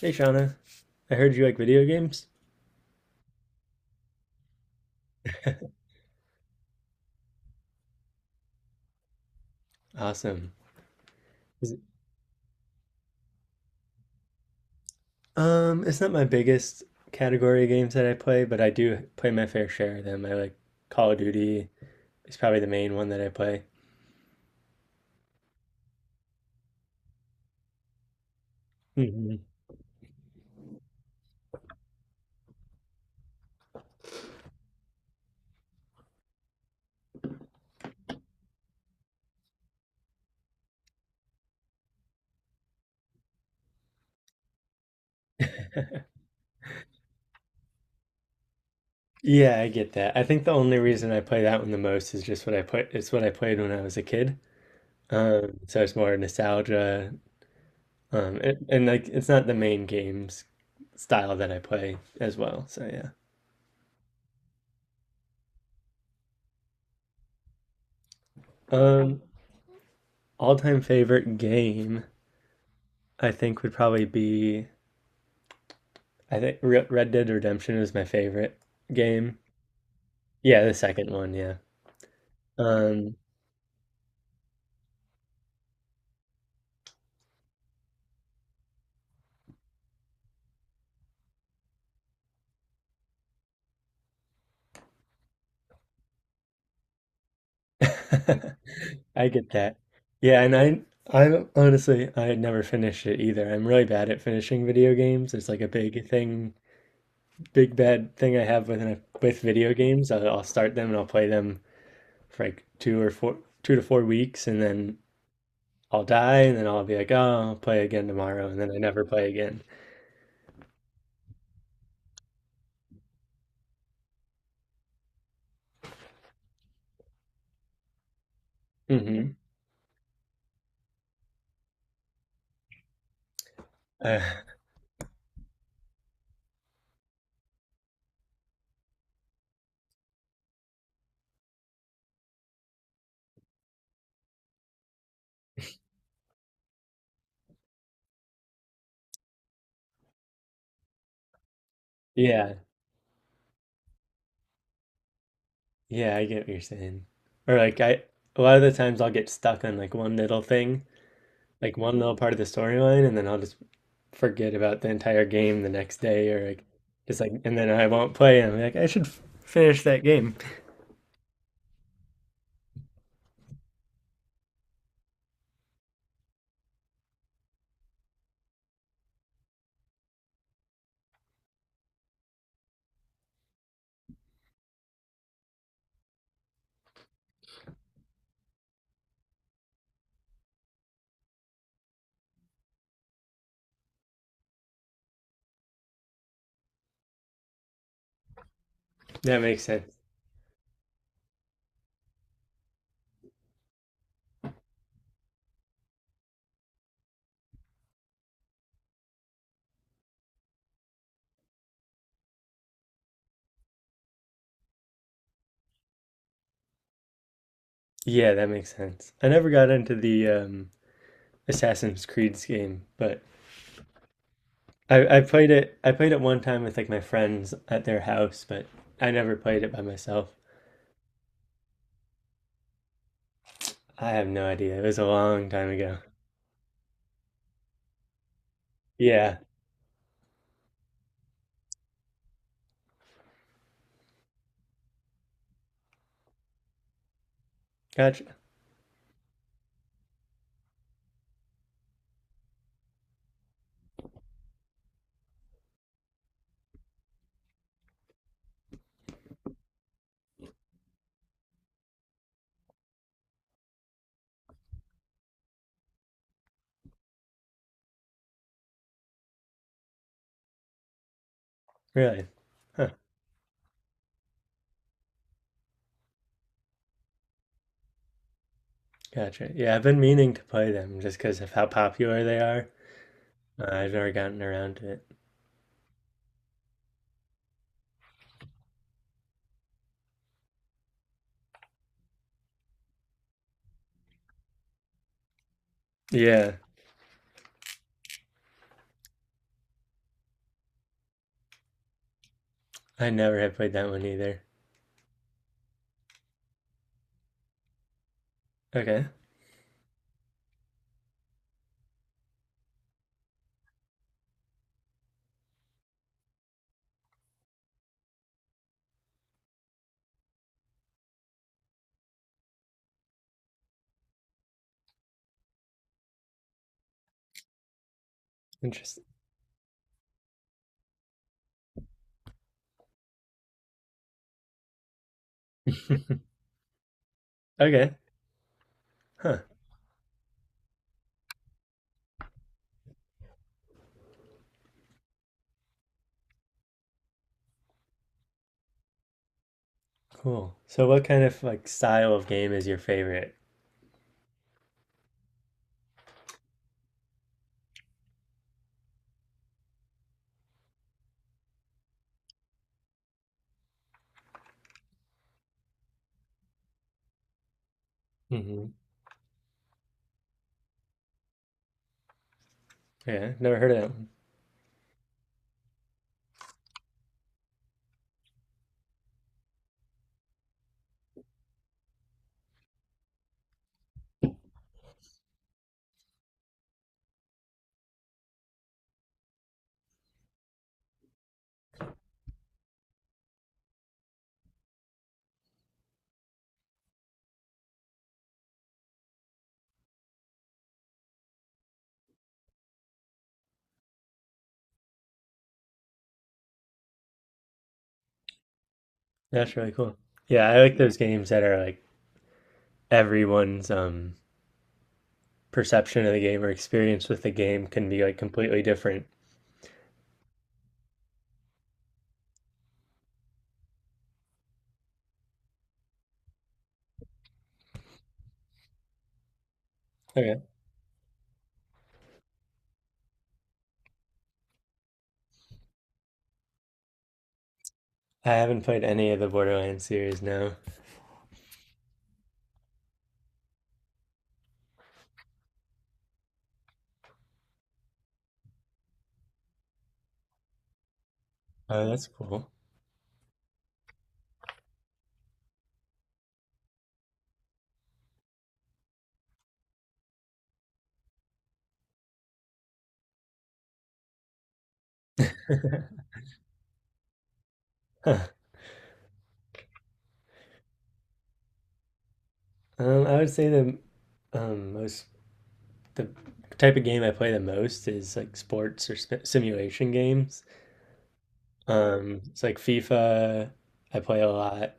Hey, Shauna. I heard you like video games. Awesome. Is it- it's not my biggest category of games that I play, but I do play my fair share of them. I like Call of Duty is probably the main one that I play. Hmm Yeah, I get that. I think the only reason I play that one the most is just what I put. It's what I played when I was a kid. So it's more nostalgia. And like it's not the main games style that I play as well. So yeah. Um, All-time favorite game I think would probably be. I think Red Dead Redemption is my favorite game. Yeah, the second one, yeah. Um, I get that. Yeah, and I honestly I had never finished it either. I'm really bad at finishing video games. It's like a big thing, big bad thing I have with video games. I'll start them and I'll play them for like two or four, 2 to 4 weeks, and then I'll die, and then I'll be like, oh, I'll play again tomorrow, and then I never play again. Hmm Uh, yeah. Yeah, I get what you're saying. Or like I a lot of the times I'll get stuck on like one little thing, like one little part of the storyline, and then I'll just forget about the entire game the next day, or like, and then I won't play and I'm like I should finish that game. That makes sense. Yeah, that makes sense. I never got into the Assassin's Creed's game, but I played it one time with like my friends at their house, but I never played it by myself. I have no idea. It was a long time ago. Yeah. Gotcha. Really? Huh. Gotcha. Yeah, I've been meaning to play them just because of how popular they are. I've never gotten around to it. Yeah, I never have played that one either. Okay. Interesting. Okay. Huh. Cool. So what kind of like style of game is your favorite? Hmm Yeah, never heard of that one. That's really cool. Yeah, I like those games that are like everyone's perception of the game or experience with the game can be like completely different. Okay. I haven't played any of the Borderlands series, no. Oh, that's cool. Huh. I would say the most the type of game I play the most is like sports or sp simulation games. It's like FIFA. I play a lot,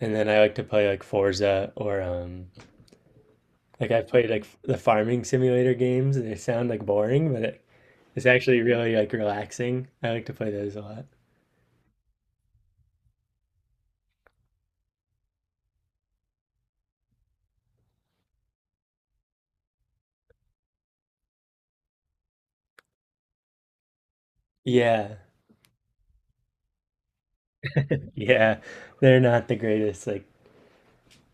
and then I like to play like Forza or, like I've played like the farming simulator games. They sound like boring, but it's actually really like relaxing. I like to play those a lot. Yeah, yeah, they're not the greatest like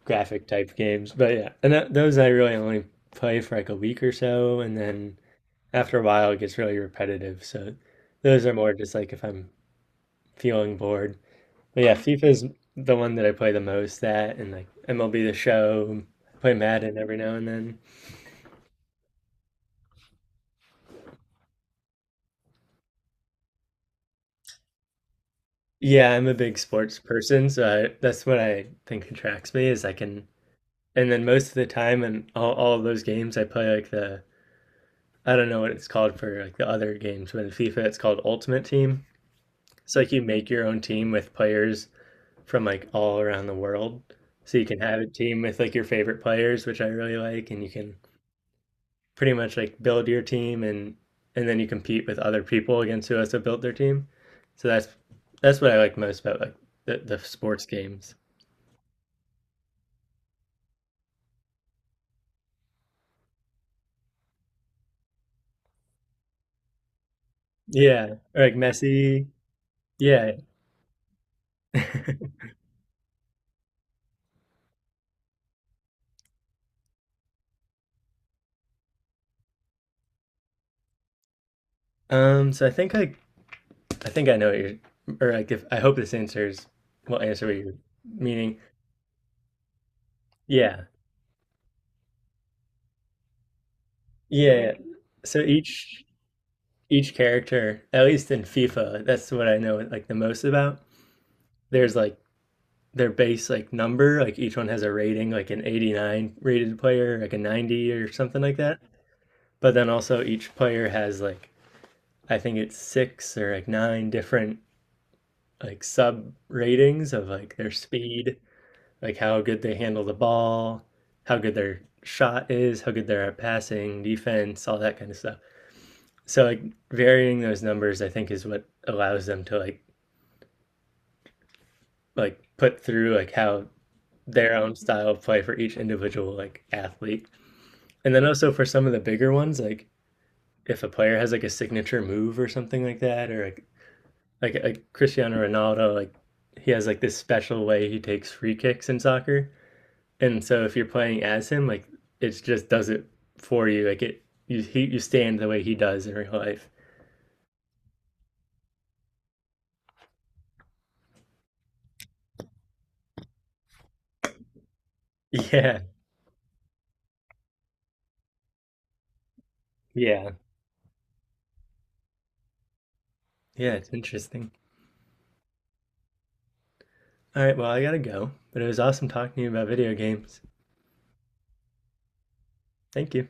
graphic type games, but yeah, and those I really only play for like a week or so, and then after a while it gets really repetitive. So those are more just like if I'm feeling bored. But yeah, FIFA's the one that I play the most at, and like MLB The Show. I play Madden every now and then. Yeah, I'm a big sports person, so that's what I think attracts me is I can, and then most of the time in all of those games I play like the I don't know what it's called for like the other games, but in FIFA it's called Ultimate Team. It's like you make your own team with players from like all around the world. So you can have a team with like your favorite players, which I really like, and you can pretty much like build your team, and then you compete with other people against who also built their team. So that's what I like most about like the sports games. Yeah, or like Messi. Yeah. So I think like I think I know what you're, or like if I hope this answers will answer what you're meaning. Yeah. Yeah. yeah. So each character, at least in FIFA, that's what I know like the most about. There's like their base like number, like each one has a rating, like an 89 rated player, like a 90 or something like that. But then also each player has like I think it's six or like nine different like sub ratings of like their speed, like how good they handle the ball, how good their shot is, how good they're at passing, defense, all that kind of stuff. So like varying those numbers I think is what allows them to like put through like how their own style of play for each individual like athlete. And then also for some of the bigger ones, like if a player has like a signature move or something like that, or like Cristiano Ronaldo, like he has like this special way he takes free kicks in soccer. And so if you're playing as him, like it just does it for you. You stand the way he does in real life. Yeah, yeah, yeah. It's interesting. All right, well I gotta go, but it was awesome talking to you about video games. Thank you.